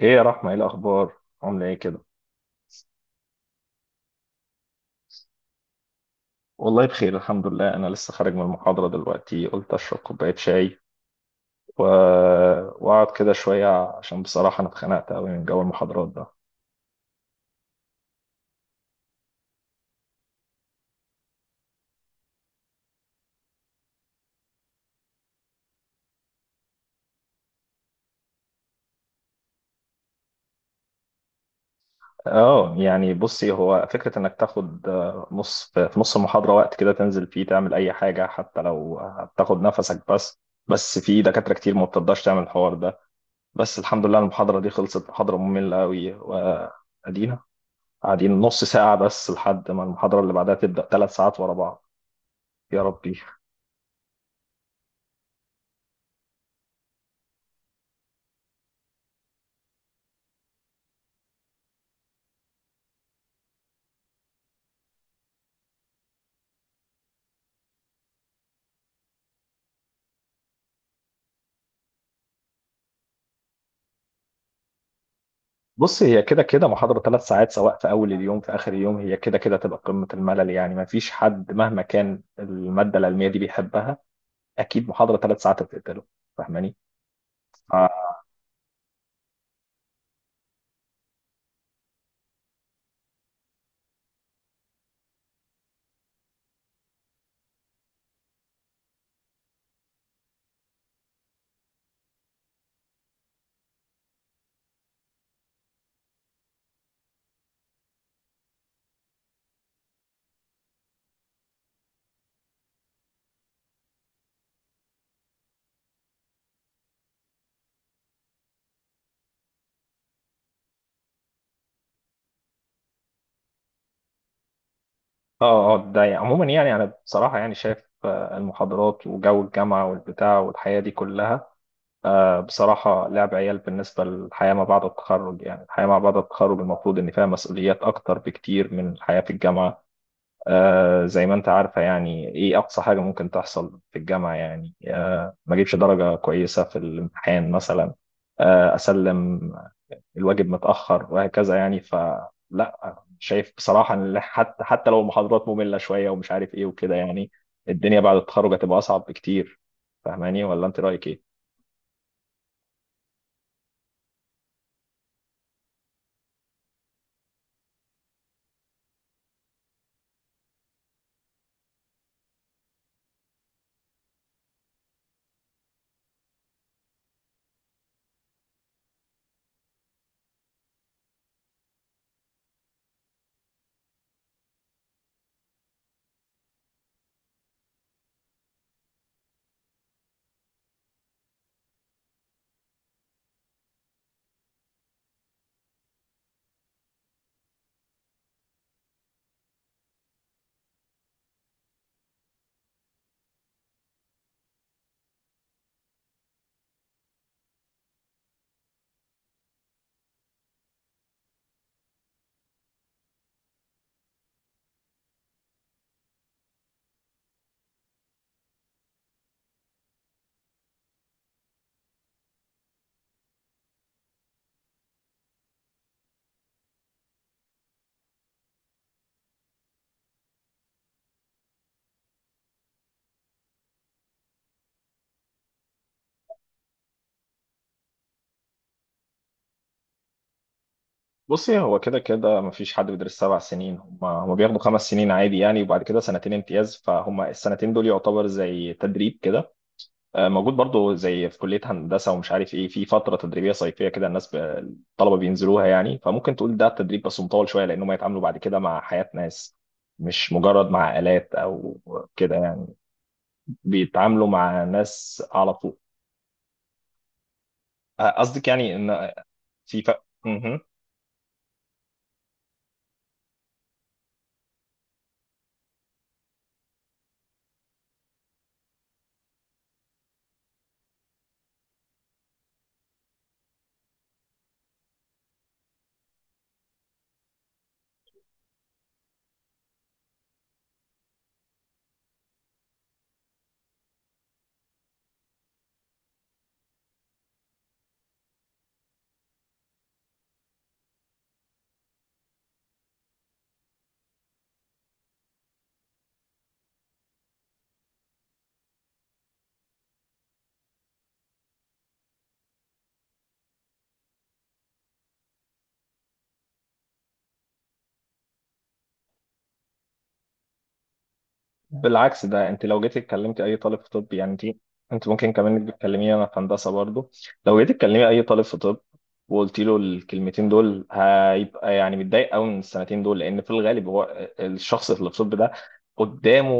ايه يا رحمة، ايه الاخبار؟ عاملة ايه كده؟ والله بخير، الحمد لله. انا لسه خارج من المحاضرة دلوقتي، قلت اشرب كوباية شاي و... واقعد كده شوية، عشان بصراحة انا اتخنقت قوي من جو المحاضرات ده. اه، يعني بصي، هو فكرة انك تاخد نص في نص المحاضرة وقت كده تنزل فيه تعمل اي حاجة، حتى لو هتاخد نفسك بس. بس في دكاترة كتير ما بتقدرش تعمل الحوار ده. بس الحمد لله المحاضرة دي خلصت. محاضرة مملة قوي، وادينا قاعدين نص ساعة بس لحد ما المحاضرة اللي بعدها تبدأ. 3 ساعات ورا بعض، يا ربي. بص، هي كده كده محاضرة 3 ساعات سواء في أول اليوم في آخر اليوم، هي كده كده تبقى قمة الملل يعني. ما فيش حد مهما كان المادة العلمية دي بيحبها، أكيد محاضرة 3 ساعات هتقتله. فاهماني؟ ف- اه، اه، ده يعني عموما، يعني أنا بصراحة يعني شايف المحاضرات وجو الجامعة والبتاع والحياة دي كلها، بصراحة لعب عيال بالنسبة للحياة ما بعد التخرج. يعني الحياة ما بعد التخرج المفروض إن فيها مسؤوليات أكتر بكتير من الحياة في الجامعة. زي ما أنت عارفة، يعني إيه أقصى حاجة ممكن تحصل في الجامعة؟ يعني ما أجيبش درجة كويسة في الامتحان مثلا، أسلم. الواجب متأخر وهكذا يعني. فلا، شايف بصراحة إن حتى لو المحاضرات مملة شوية ومش عارف إيه وكده يعني، الدنيا بعد التخرج هتبقى أصعب بكتير. فاهماني ولا أنت رأيك إيه؟ بصي، هو كده كده مفيش حد بيدرس 7 سنين. هم بياخدوا 5 سنين عادي يعني، وبعد كده سنتين امتياز، فهم السنتين دول يعتبر زي تدريب كده. موجود برضو زي في كلية هندسة ومش عارف ايه، في فترة تدريبية صيفية كده الناس الطلبة بينزلوها يعني. فممكن تقول ده تدريب بس مطول شوية، لأنهم يتعاملوا بعد كده مع حياة ناس، مش مجرد مع آلات أو كده يعني. بيتعاملوا مع ناس على طول. قصدك يعني إن في فرق. يعني، بالعكس، ده انت لو جيتي اتكلمتي اي طالب في طب، يعني انت ممكن كمان انك بتكلميني انا في هندسه برضو. لو جيتي تكلمي اي طالب في طب وقلت له الكلمتين دول، هيبقى يعني متضايق قوي من السنتين دول، لان في الغالب هو الشخص اللي في الطب ده قدامه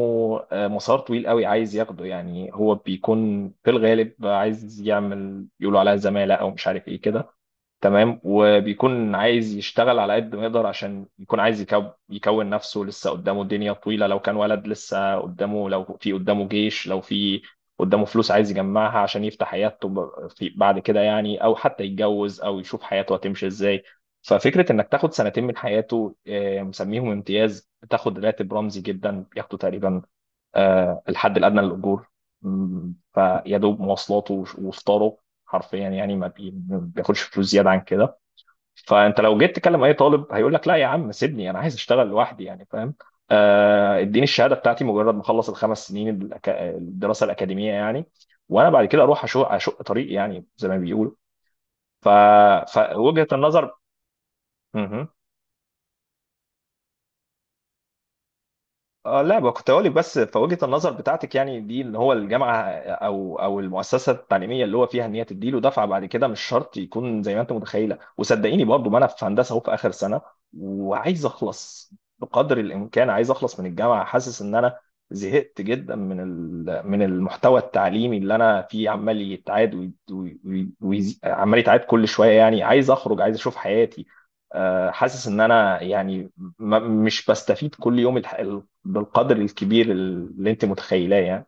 مسار طويل قوي عايز ياخده. يعني هو بيكون في الغالب عايز يعمل يقولوا عليها زماله او مش عارف ايه كده. تمام، وبيكون عايز يشتغل على قد ما يقدر، عشان يكون عايز يكون نفسه، لسه قدامه الدنيا طويلة، لو كان ولد لسه قدامه، لو في قدامه جيش، لو في قدامه فلوس عايز يجمعها عشان يفتح حياته في بعد كده يعني، او حتى يتجوز او يشوف حياته هتمشي ازاي. ففكرة انك تاخد سنتين من حياته، مسميهم امتياز، تاخد راتب رمزي جدا، بياخدوا تقريبا الحد الأدنى للأجور، فيا دوب مواصلاته وفطاره. حرفيا يعني، ما بياخدش فلوس زيادة عن كده. فأنت لو جيت تكلم أي طالب هيقول لك: لا يا عم سيبني، أنا عايز أشتغل لوحدي يعني، فاهم؟ اديني الشهادة بتاعتي مجرد ما أخلص الخمس سنين الدراسة الأكاديمية يعني، وأنا بعد كده أروح أشق طريق يعني، زي ما بيقولوا. ف... فوجهة النظر. مهم. اه، لا بقى، كنت اقول لك بس في وجهة النظر بتاعتك يعني دي، ان هو الجامعه او المؤسسه التعليميه اللي هو فيها، ان هي تديله دفعه بعد كده، مش شرط يكون زي ما انت متخيله. وصدقيني برضو، ما انا في هندسه اهو، في اخر سنه وعايز اخلص بقدر الامكان، عايز اخلص من الجامعه، حاسس ان انا زهقت جدا من من المحتوى التعليمي اللي انا فيه. عمال يتعاد عمال يتعاد كل شويه يعني، عايز اخرج، عايز اشوف حياتي. حاسس ان انا يعني مش بستفيد كل يوم بالقدر الكبير اللي انت متخيلاه يعني.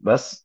بس.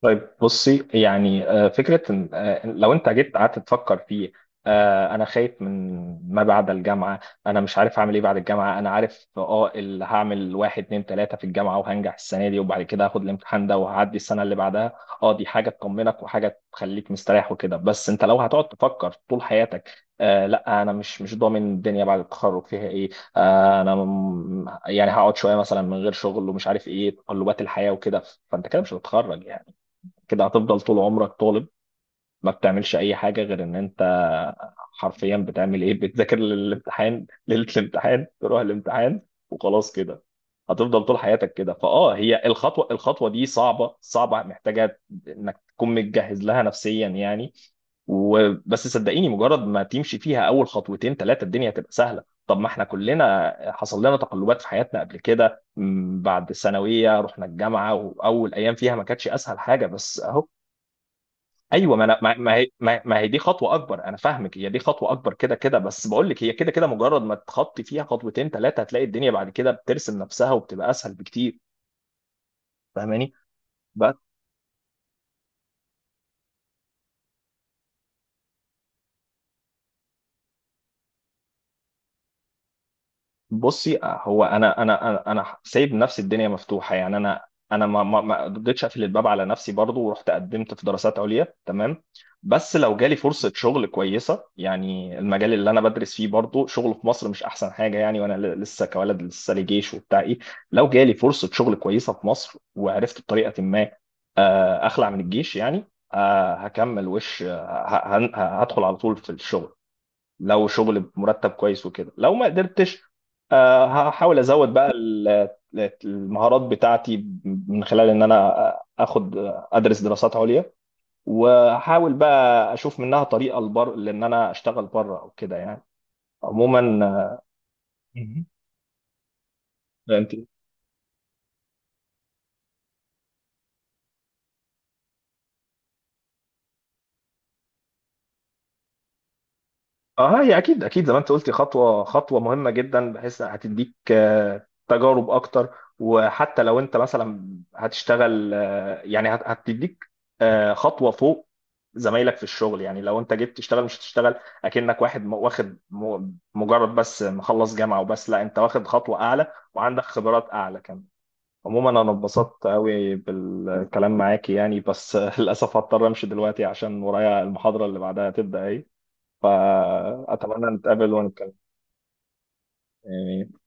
طيب بصي، يعني فكرة لو أنت جيت قعدت تفكر فيه، أنا خايف من ما بعد الجامعة، أنا مش عارف هعمل إيه بعد الجامعة. أنا عارف أه اللي هعمل، واحد اتنين تلاتة في الجامعة، وهنجح السنة دي، وبعد كده هاخد الامتحان ده، وهعدي السنة اللي بعدها. أه، دي حاجة تطمنك وحاجة تخليك مستريح وكده. بس أنت لو هتقعد تفكر طول حياتك لا، أنا مش ضامن الدنيا بعد التخرج فيها إيه، أنا يعني هقعد شوية مثلا من غير شغل، ومش عارف إيه تقلبات الحياة وكده، فأنت كده مش هتتخرج يعني. كده هتفضل طول عمرك طالب، ما بتعملش اي حاجه غير ان انت حرفيا بتعمل ايه؟ بتذاكر للامتحان ليله الامتحان، تروح الامتحان، وخلاص كده. هتفضل طول حياتك كده. هي الخطوه دي صعبه، صعبه، محتاجه انك تكون متجهز لها نفسيا يعني. وبس، صدقيني مجرد ما تمشي فيها اول خطوتين ثلاثه، الدنيا هتبقى سهله. طب ما احنا كلنا حصل لنا تقلبات في حياتنا قبل كده، بعد الثانويه رحنا الجامعه، واول ايام فيها ما كانتش اسهل حاجه، بس اهو. ايوه، ما هي دي خطوه اكبر، انا فاهمك. هي دي خطوه اكبر كده كده، بس بقول لك هي كده كده، مجرد ما تخطي فيها خطوتين ثلاثه هتلاقي الدنيا بعد كده بترسم نفسها، وبتبقى اسهل بكتير. فاهماني؟ بصي، هو انا سايب نفسي الدنيا مفتوحه يعني. انا ما قدرتش اقفل الباب على نفسي برضو، ورحت قدمت في دراسات عليا تمام. بس لو جالي فرصه شغل كويسه يعني، المجال اللي انا بدرس فيه برضو شغله في مصر مش احسن حاجه يعني. وانا لسه كولد، لسه لي جيش وبتاع ايه. لو جالي فرصه شغل كويسه في مصر، وعرفت بطريقه ما اخلع من الجيش يعني، هكمل وش آه، ه- هن- هدخل على طول في الشغل، لو شغل بمرتب كويس وكده. لو ما قدرتش، هحاول ازود بقى المهارات بتاعتي من خلال ان انا اخد، ادرس دراسات عليا، واحاول بقى اشوف منها طريقه لبر، لان انا اشتغل بره او كده يعني. عموما. مهم. انت، اه، هي اكيد اكيد زي ما انت قلتي، خطوه، خطوه مهمه جدا، بحيث هتديك تجارب اكتر. وحتى لو انت مثلا هتشتغل، يعني هتديك خطوه فوق زمايلك في الشغل. يعني لو انت جيت تشتغل، مش هتشتغل اكنك واحد واخد مجرد بس مخلص جامعه وبس. لا، انت واخد خطوه اعلى، وعندك خبرات اعلى كمان. عموما، انا اتبسطت قوي بالكلام معاكي يعني، بس للاسف هضطر امشي دلوقتي، عشان ورايا المحاضره اللي بعدها تبدا. فأتمنى نتقابل ونتكلم يعني.